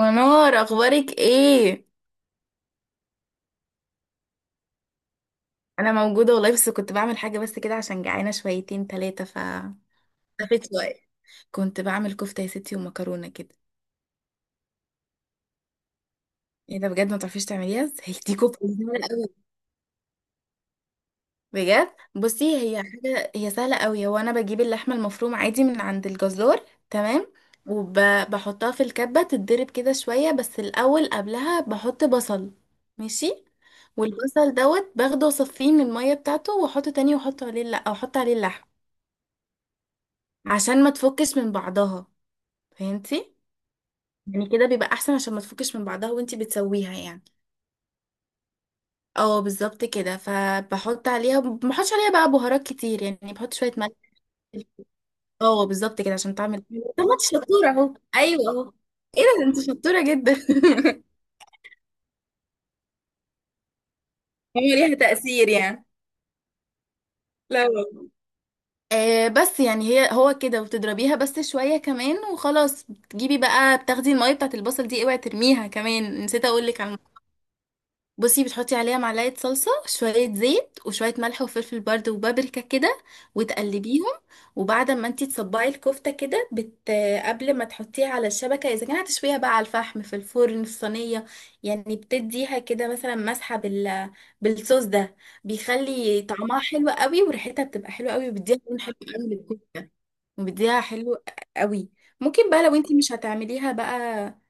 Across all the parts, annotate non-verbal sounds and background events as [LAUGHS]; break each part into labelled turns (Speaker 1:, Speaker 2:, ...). Speaker 1: منار، اخبارك ايه؟ انا موجوده والله، بس كنت بعمل حاجه بس كده عشان جعانه شويتين ثلاثه ف لفيت شويه. كنت بعمل كفته يا ستي ومكرونه كده. ايه ده؟ بجد ما تعرفيش تعمليها؟ [LAUGHS] هي دي كفته سهله قوي. بجد. بصي، هي حاجه هي سهله قوي. هو انا بجيب اللحمه المفرومه عادي من عند الجزار، تمام. وبحطها في الكبه تتضرب كده شويه، بس الاول قبلها بحط بصل. ماشي. والبصل دوت باخده وصفيه من الميه بتاعته، واحطه تاني، واحط عليه، لا، او احط عليه اللحم. عشان ما تفكش من بعضها. فهمتي؟ يعني كده بيبقى احسن، عشان ما تفكش من بعضها وانتي بتسويها يعني. اه بالظبط كده. فبحط عليها، ما بحطش عليها بقى بهارات كتير، يعني بحط شويه ملح. اه بالظبط كده عشان تعمل. [LAUGHS] طب ما انت شطوره اهو، ايوه اهو. ايه ده، انت شطوره جدا. [LAUGHS] هي ليها تأثير يعني. لا والله. بس يعني هي هو كده، وتضربيها بس شويه كمان وخلاص. بتجيبي بقى، بتاخدي الميه بتاعت البصل دي، اوعي ترميها، كمان نسيت اقول لك. بصي، بتحطي عليها معلقة صلصة، شوية زيت، وشوية ملح وفلفل برده، وبابريكا كده. وتقلبيهم. وبعد ما انتي تصبعي الكفتة كده. قبل ما تحطيها على الشبكة، اذا كان هتشويها بقى على الفحم في الفرن في الصينية. يعني بتديها كده مثلا مسحة بالصوص ده. بيخلي طعمها حلو قوي وريحتها بتبقى حلوة قوي وبيديها لون حلو قوي للكفتة. وبيديها حلو قوي. ممكن بقى لو انتي مش هتعمليها بقى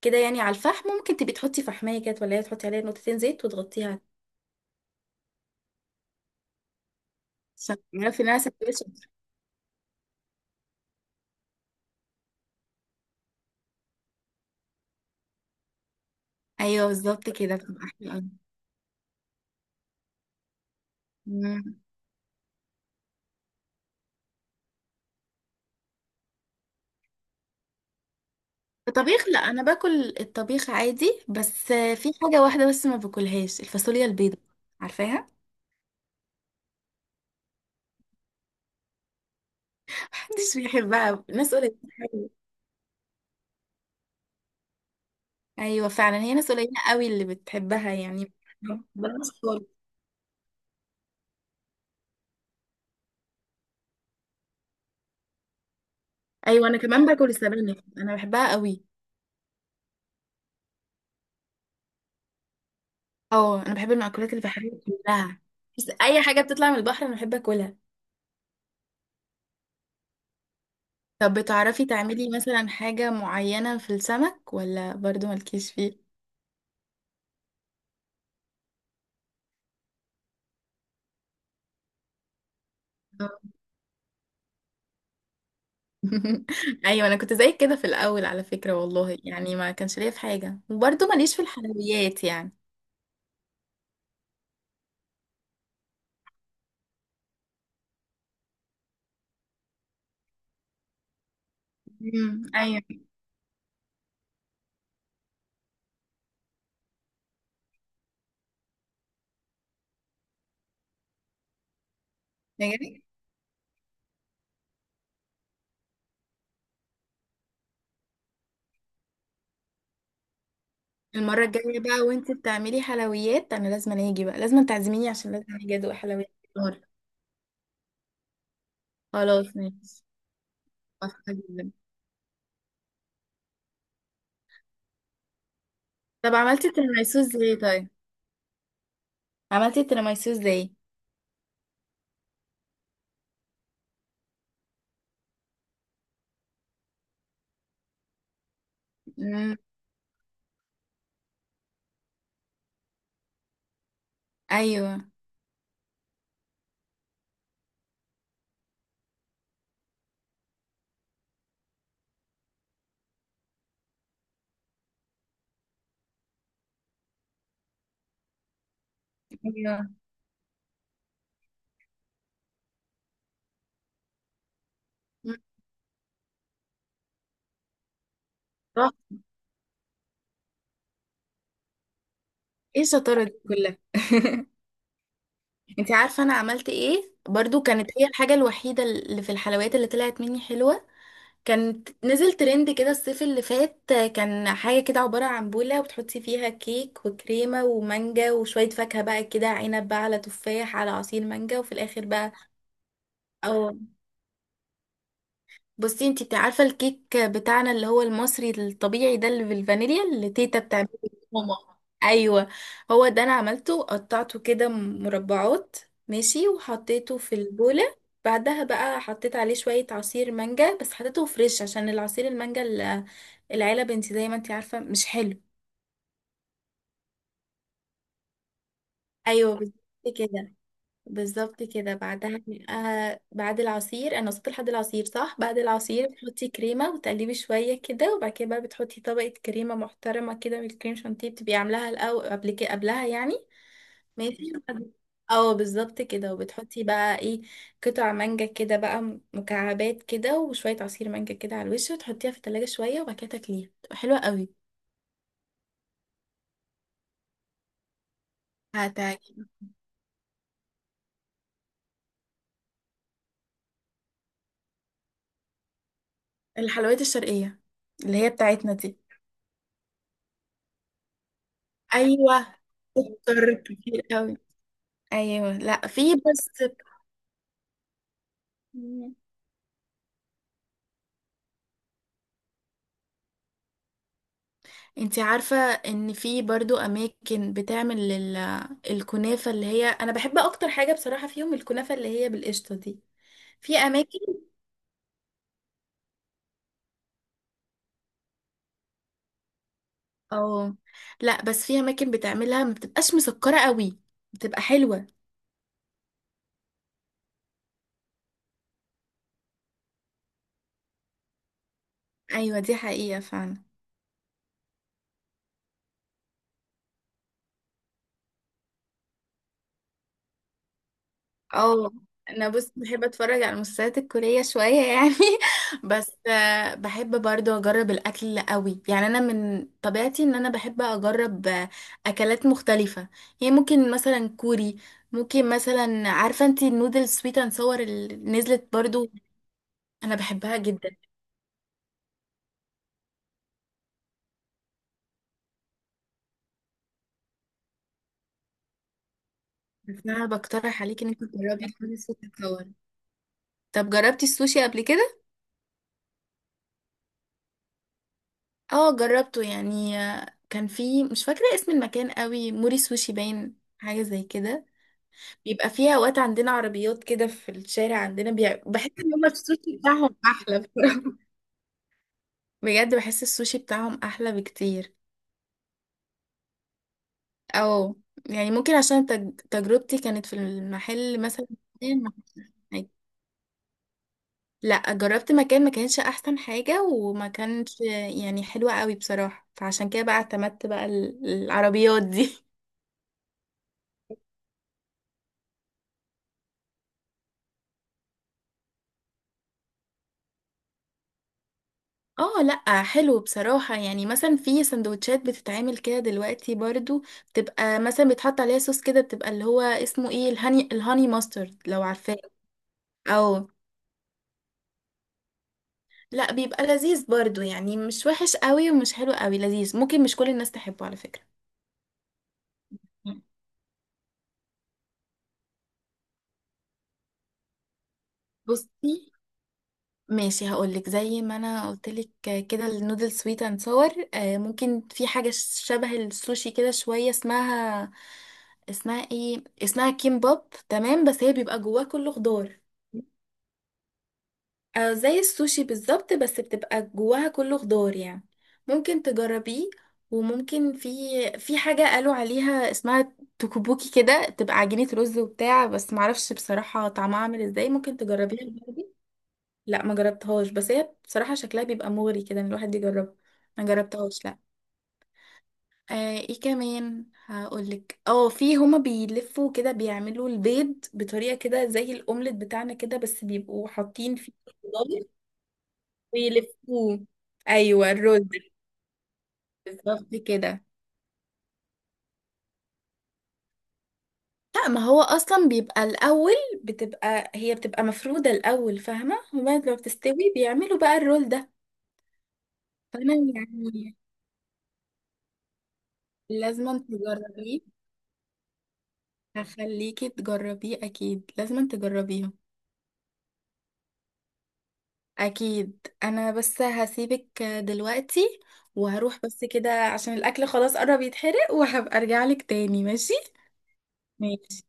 Speaker 1: كده يعني على الفحم، ممكن تبقي تحطي فحمية كده، ولا تحطي عليها نقطتين زيت وتغطيها عشان تعرفي انها سندوتش. ايوه بالظبط كده، بتبقى حلوة أوي. مم. الطبيخ، لا انا باكل الطبيخ عادي، بس في حاجة واحدة بس ما باكلهاش، الفاصوليا البيضاء. عارفاها؟ [LAUGHS] محدش بيحبها، ناس قليلة أوي. ايوه فعلا، هي ناس قليلة قوي اللي بتحبها يعني. بلاش خالص. ايوه انا كمان باكل السبانخ، انا بحبها قوي. اه انا بحب المأكولات اللي بحبها كلها. بس اي حاجة بتطلع من البحر انا بحب اكلها. طب بتعرفي تعملي مثلا حاجة معينة في السمك، ولا برضو مالكيش فيه؟ آه. [LAUGHS] ايوه انا كنت زيك كده في الاول على فكرة، والله يعني ما كانش ليا في حاجة، وبرضو ماليش في الحلويات يعني. امم، ايوه. بجد؟ المرة الجاية بقى وانت بتعملي حلويات، انا لازم أنا اجي بقى، لازم تعزميني عشان لازم اجي ادوق حلويات. النهاردة. خلاص ماشي. موافقة جدا. طب عملتي التيراميسو ازاي طيب؟ عملتي التيراميسو ازاي؟ امم، ايوه. ايوه. مم. ايه الشطارة دي كلها؟ [LAUGHS] انت عارفة انا عملت ايه برضو، كانت هي الحاجة الوحيدة اللي في الحلويات اللي طلعت مني حلوة. كانت نزل ترند كده الصيف اللي فات، كان حاجة كده عبارة عن بولة، وبتحطي فيها كيك وكريمة ومانجا وشوية فاكهة بقى كده، عنب بقى على تفاح على عصير مانجا، وفي الآخر بقى. او. بصي، انتي عارفه الكيك بتاعنا اللي هو المصري الطبيعي ده اللي بالفانيليا اللي تيتا بتعمله. ماما. ايوه. هو ده انا عملته، قطعته كده مربعات. ماشي، وحطيته في البوله. بعدها بقى حطيت عليه شويه عصير مانجا، بس حطيته فريش عشان العصير المانجا العلب، انتي زي ما انتي عارفه مش حلو. ايوه بالظبط كده. بالظبط كده بعدها. بعد العصير انا وصلت لحد العصير صح؟ بعد العصير بتحطي كريمه وتقلبي شويه كده، وبعد كده بقى بتحطي طبقه كريمه محترمه كده من الكريم شانتيه، بتبقي عاملاها الاول قبل كده قبلها يعني. ماشي اه بالظبط كده. وبتحطي بقى ايه، قطع مانجا كده بقى مكعبات كده وشويه عصير مانجا كده على الوش، وتحطيها في التلاجة شويه، وبعد كده تاكليها بتبقى حلوه قوي. هتعجبك الحلويات الشرقيه اللي هي بتاعتنا دي. ايوه، سكر كتير قوي. ايوه لا في بس. مم. انتي عارفة ان في برضو اماكن بتعمل الكنافة اللي هي انا بحب اكتر حاجة بصراحة فيهم، الكنافة اللي هي بالقشطة دي. في اماكن. اه، لا بس في اماكن بتعملها ما بتبقاش مسكرة قوي، بتبقى حلوة. ايوه دي حقيقة فعلا. اه انا بص بحب اتفرج على المسلسلات الكورية شوية يعني. [LAUGHS] بس بحب برضو اجرب الاكل قوي، يعني انا من طبيعتي ان انا بحب اجرب اكلات مختلفة. يعني ممكن مثلا كوري. ممكن مثلا عارفة انتي النودل سويت اند صور اللي نزلت برضو. انا بحبها جدا. بس انا بقترح عليك ان انت تجربي النودل سويت اند صور. طب جربتي السوشي قبل كده؟ اه جربته يعني، كان في مش فاكرة اسم المكان قوي، موري سوشي باين حاجة زي كده. بيبقى فيها اوقات عندنا عربيات كده في الشارع عندنا بحس ان هما السوشي بتاعهم احلى بصراحة. [LAUGHS] بجد بحس السوشي بتاعهم احلى بكتير. او. يعني ممكن عشان تجربتي كانت في المحل مثلا ما كانش حاجة. لا جربت مكان ما كانش احسن حاجة وما كانش يعني حلوة قوي بصراحة، فعشان كده بقى اعتمدت بقى العربيات دي. اه لا حلو بصراحة، يعني مثلا في سندوتشات بتتعمل كده دلوقتي برضو، بتبقى مثلا بيتحط عليها صوص كده، بتبقى اللي هو اسمه ايه، الهاني ماسترد لو عارفاه. او لا بيبقى لذيذ برضو، يعني مش وحش قوي ومش حلو قوي، لذيذ، ممكن مش كل الناس تحبه على فكرة. بصي، ماشي هقولك زي ما انا قلتلك، كده النودل سويت اند صور. ممكن في حاجة شبه السوشي كده شوية، اسمها اسمها ايه، اسمها كيمباب تمام، بس هي بيبقى جواها كله خضار. زي السوشي بالظبط بس بتبقى جواها كله خضار يعني، ممكن تجربيه. وممكن في حاجة قالوا عليها اسمها توكوبوكي كده، تبقى عجينة رز وبتاع، بس معرفش بصراحة طعمها عامل ازاي، ممكن تجربيها برضه. لا ما جربتهاش، بس هي بصراحة شكلها بيبقى مغري كده ان الواحد يجربها. ما جربتهاش لا. ايه كمان هقولك، في هما بيلفوا كده بيعملوا البيض بطريقة كده زي الاومليت بتاعنا كده، بس بيبقوا حاطين فيه خضار ويلفوه. ايوه الرز بالظبط كده. لا ما هو اصلا بيبقى الاول، هي بتبقى مفرودة الاول، فاهمة؟ وبعد ما بتستوي بيعملوا بقى الرول ده. فانا يعني لازم تجربيه. هخليكي تجربيه اكيد لازم تجربيها. اكيد، انا بس هسيبك دلوقتي وهروح بس كده عشان الاكل خلاص قرب يتحرق، وهبقى ارجع لك تاني، ماشي. ماشي.